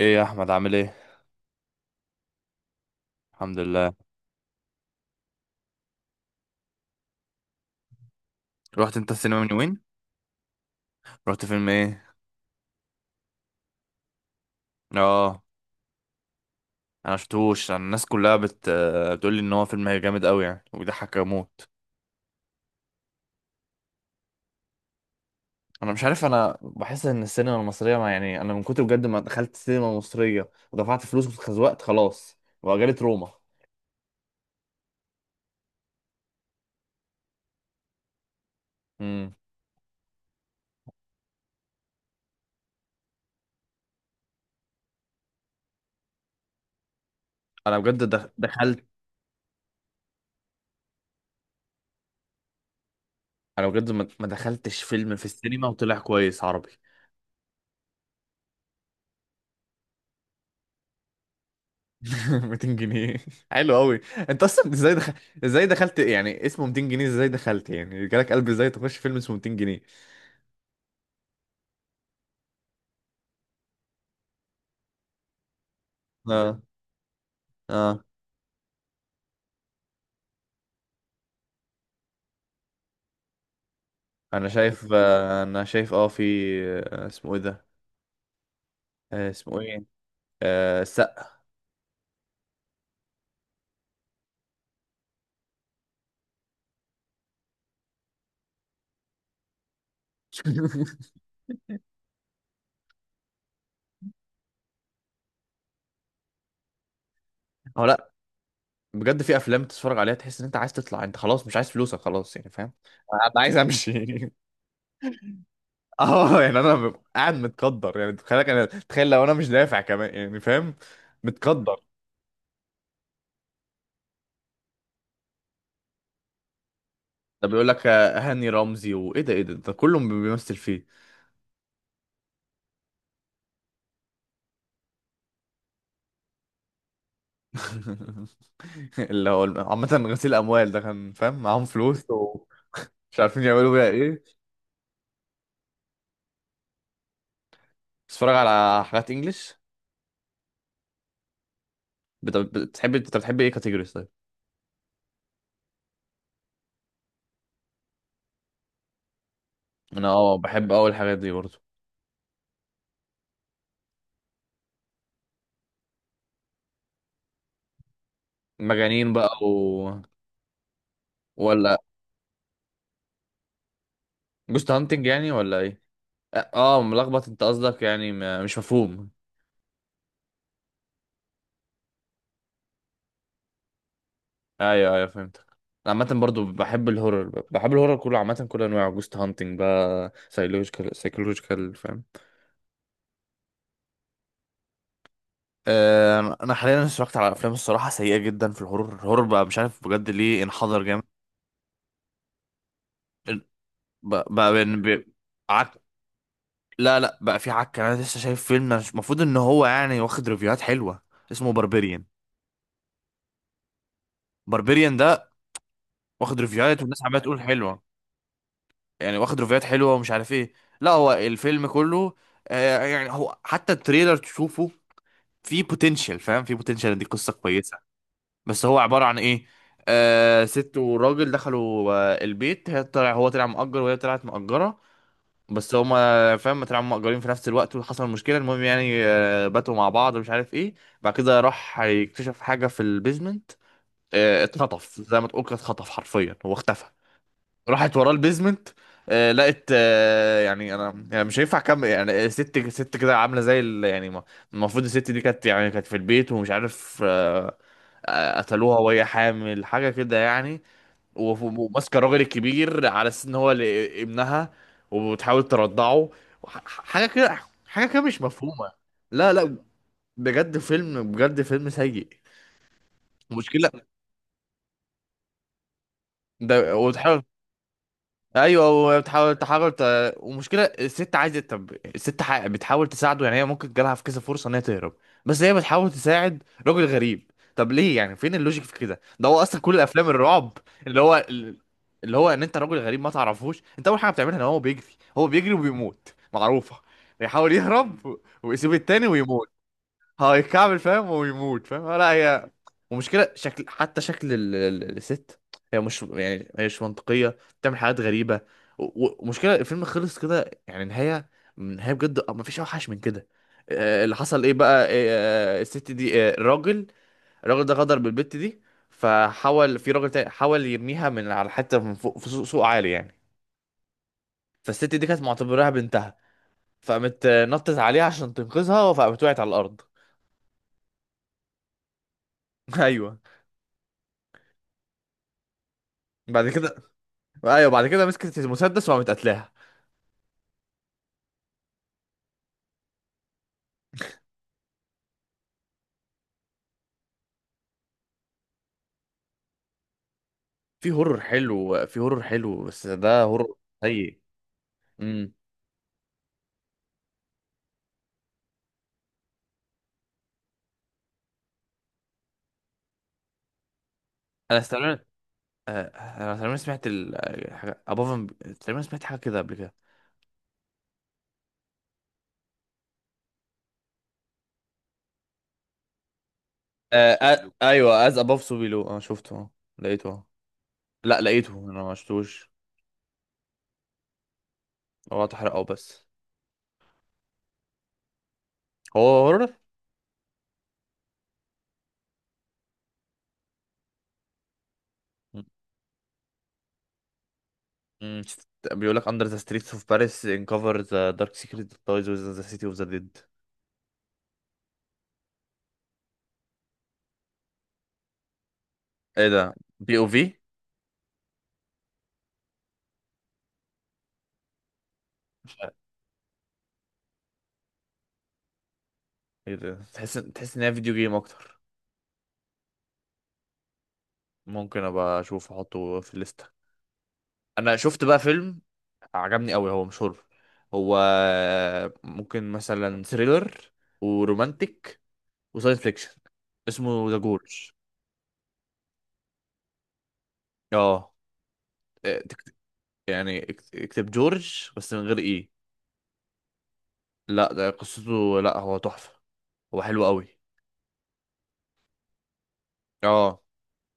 ايه يا احمد، عامل ايه؟ الحمد لله. رحت انت السينما من يومين؟ رحت فيلم ايه؟ اه، انا شفتوش. انا الناس كلها بتقول لي ان هو فيلم جامد قوي يعني وبيضحك اموت. انا مش عارف انا بحس ان السينما المصريه ما يعني انا من كتر بجد ما دخلت سينما مصريه ودفعت فلوس واتخزوقت خلاص وجالت روما. امم انا بجد دخلت. انا بجد ما دخلتش فيلم في السينما وطلع كويس عربي. 200 جنيه. حلو قوي. انت اصلا ازاي دخل... ازاي دخلت يعني، اسمه 200 جنيه؟ ازاي دخلت يعني جالك قلب ازاي تخش فيلم اسمه 200 جنيه؟ اه، اه. انا شايف اه في... اسمه ايه ده؟ آه، اسمه ايه السقا. هو، لا، بجد في افلام تتفرج عليها تحس ان انت عايز تطلع، انت خلاص مش عايز فلوسك خلاص يعني، فاهم؟ انا عايز امشي. اه يعني انا ببقى قاعد متقدر، يعني تخيل انا، تخيل لو انا مش دافع كمان يعني فاهم، متقدر. ده بيقول لك هاني رمزي وايه ده، ايه ده، ده كله بيمثل فيه. اللي هو عامة غسيل اموال، ده كان فاهم معاهم فلوس ومش عارفين يعملوا بيها ايه. بتتفرج على حاجات انجلش. بتحب، انت بتحب ايه كاتيجوريز طيب؟ انا اه بحب اول الحاجات دي برضه. مجانين بقى ولا جوست هانتنج يعني ولا ايه؟ اه، ملخبط انت قصدك، يعني مش مفهوم. ايوه ايوه، فهمتك. عامة برضو بحب الهورر، بحب الهورر كله عامة كل انواعه، جوست هانتنج بقى، سايكولوجيكال فاهم. انا حاليا اتفرجت على افلام الصراحه سيئه جدا في الهورر. الهورر بقى مش عارف بجد ليه انحدر جامد. ال- بقى, بقى بين- ب- عك لا لا، بقى في عك. انا لسه شايف فيلم، أنا مش، المفروض ان هو يعني واخد ريفيوهات حلوه، اسمه باربيريان. باربيريان ده واخد ريفيوهات والناس عماله تقول حلوه، يعني واخد ريفيوهات حلوه ومش عارف ايه. لا، هو الفيلم كله يعني هو حتى التريلر تشوفه، في بوتنشال فاهم، في بوتنشال ان دي قصه كويسه. بس هو عباره عن ايه؟ آه، ست وراجل دخلوا آه البيت. هي طلع هو طلع مأجر وهي طلعت مأجره، بس هما فاهم طلعوا مأجرين في نفس الوقت، وحصل مشكله. المهم يعني آه باتوا مع بعض ومش عارف ايه. بعد كده راح يكتشف حاجه في البيزمنت. آه اتخطف، زي ما تقول كده اتخطف حرفيا، هو اختفى. راحت وراه البيزمنت. آه لقت آه، يعني انا يعني مش هينفع اكمل يعني. ست كده عامله زي المفروض الست دي كانت يعني كانت في البيت ومش عارف آه، قتلوها وهي حامل حاجه كده يعني. وماسكه الراجل الكبير على اساس ان هو، ابنها، وبتحاول ترضعه، حاجه كده، حاجه كده مش مفهومه. لا لا، بجد فيلم، بجد فيلم سيء، مشكله ده. ايوه، ومشكله الست عايزه، طب الست بتحاول تساعده، يعني هي ممكن جالها في كذا فرصه ان هي تهرب، بس هي بتحاول تساعد راجل غريب. طب ليه يعني، فين اللوجيك في كده؟ ده هو اصلا كل الافلام الرعب اللي هو ال- اللي هو ان انت راجل غريب ما تعرفوش، انت اول حاجه بتعملها ان هو بيجري، هو بيجري وبيموت معروفه، بيحاول يهرب ويسيب التاني ويموت. هيكعبل فاهم ويموت فاهم، لا هي، ومشكلة شكل، حتى شكل الست، هي مش يعني هي مش منطقية، بتعمل حاجات غريبة. ومشكلة الفيلم خلص كده يعني، نهاية، نهاية بجد ما فيش أوحش من كده. اللي حصل ايه بقى؟ الست دي، الراجل، الراجل ده غدر بالبت دي، فحاول في راجل تاني حاول يرميها من على حتة من فوق في سوق، سوق عالي يعني. فالست دي كانت معتبراها بنتها، فقامت نطت عليها عشان تنقذها، فقامت وقعت على الأرض. ايوه. بعد كده ايوه بعد كده مسكت المسدس وقامت قتلاها. في هورر حلو، في هورر حلو بس ده هورر سيء. امم انا تقريبا آه، انا تقريبا سمعت حاجه ابوف، تقريبا سمعت حاجه كده قبل كده. ايوه، از ابوف سو بيلو. انا شفته لقيته آه. لا لقيته، انا ما شفتوش. هو اتحرقه بس، هو هورر. امم بيقول لك under the streets of Paris uncover the dark secret that lies within the city of the dead. ايه ده بي او في، مش عارف. ايه ده، تحس، تحس ان هي فيديو جيم اكتر. ممكن ابقى اشوف، احطه في الليسته. انا شفت بقى فيلم عجبني قوي، هو مش هورر، هو ممكن مثلا ثريلر ورومانتك وساينس فيكشن. اسمه ذا جورج. اه، إيه، تكت- يعني اكتب جورج بس من غير ايه. لا ده قصته، لا هو تحفه، هو حلو قوي. اه،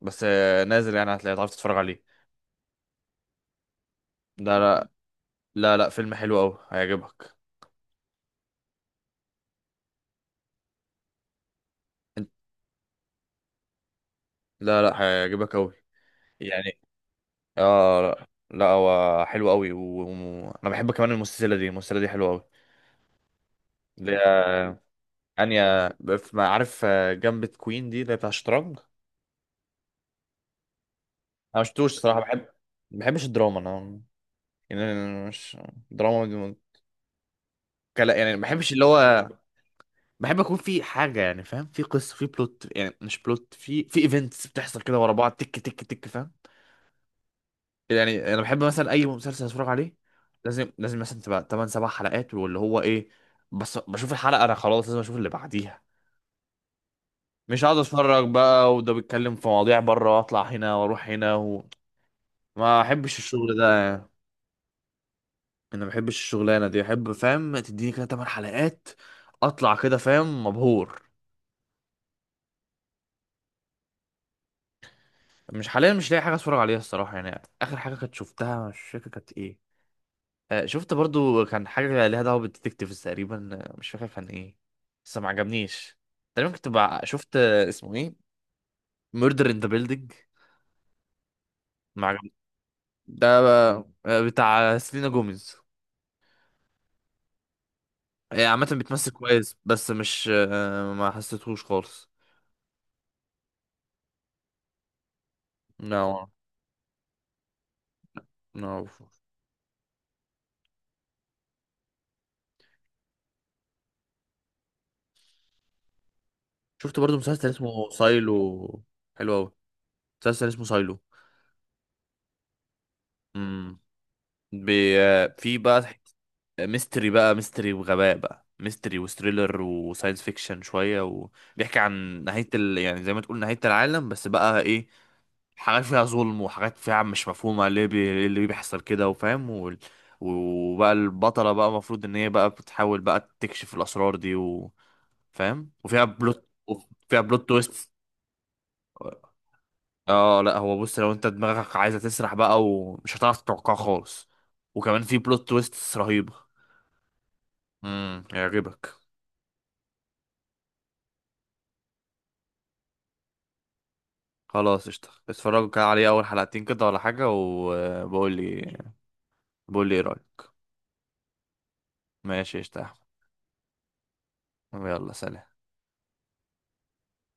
بس نازل يعني، هتلاقي تعرف تتفرج عليه. لا لا، لا لا، فيلم حلو قوي هيعجبك. إنت- لا لا، هيعجبك قوي، يعني. اه، لا، لا، هو حلو قوي. وانا بحب كمان المسلسلة دي، المسلسلة دي حلوة قوي. اللي هي انيا، ما عارف جنب كوين دي، اللي هي بتاع الشطرنج. انا مشفتوش صراحة. بحب، ما بحبش الدراما انا. يعني أنا مش، دراما دي- كلا يعني، ما بحبش اللي هو، بحب اكون في حاجة يعني، فاهم، في قصة، في بلوت يعني، مش بلوت، في في ايفنتس بتحصل كده ورا بعض، تك تك تك، فاهم؟ يعني انا بحب مثلا اي مسلسل اتفرج عليه، لازم مثلا تبقى 8 7 حلقات واللي هو ايه، بس بشوف الحلقه انا خلاص لازم اشوف اللي بعديها. مش هقعد اتفرج بقى وده بيتكلم في مواضيع بره، واطلع هنا واروح هنا. ما احبش الشغل ده. انا ما بحبش الشغلانه دي، احب فاهم تديني كده 8 حلقات، اطلع كده فاهم مبهور. مش حاليا، مش لاقي حاجه اتفرج عليها الصراحه. يعني اخر حاجه كنت شفتها مش فاكر كانت ايه. شفت برضو، كان حاجة ليها دعوة بالديتكتيفز تقريبا، مش فاكر كان ايه، بس ما عجبنيش. تقريبا شفت اسمه ايه، ميردر ان ذا بيلدينج، ما عجبني. ده بتاع سيلينا جوميز. هي عامة بتمثل كويس، بس مش ما حسيتهوش خالص. نو، نو. شفت برضو مسلسل اسمه سايلو، حلو أوي. مسلسل اسمه سايلو، بي... آه، في بقى ميستري بقى، ميستري وغباء بقى، ميستري وستريلر وساينس فيكشن شوية، وبيحكي عن نهاية يعني زي ما تقول نهاية العالم، بس بقى ايه، حاجات فيها ظلم وحاجات فيها مش مفهومة ليه، إيه اللي بيحصل كده وفاهم وبقى البطلة بقى المفروض ان هي بقى بتحاول بقى تكشف الأسرار دي، وفاهم، وفيها بلوت، وفيها بلوت تويست. اه لا، هو بص، لو انت دماغك عايزة تسرح بقى، ومش هتعرف تتوقعها خالص، وكمان في بلوت تويست رهيبة. هيعجبك. خلاص قشطة، اتفرجوا كده عليه اول حلقتين كده ولا حاجة وبقول لي، بقول لي ايه رأيك. ماشي قشطة يا أحمد، يلا سلام.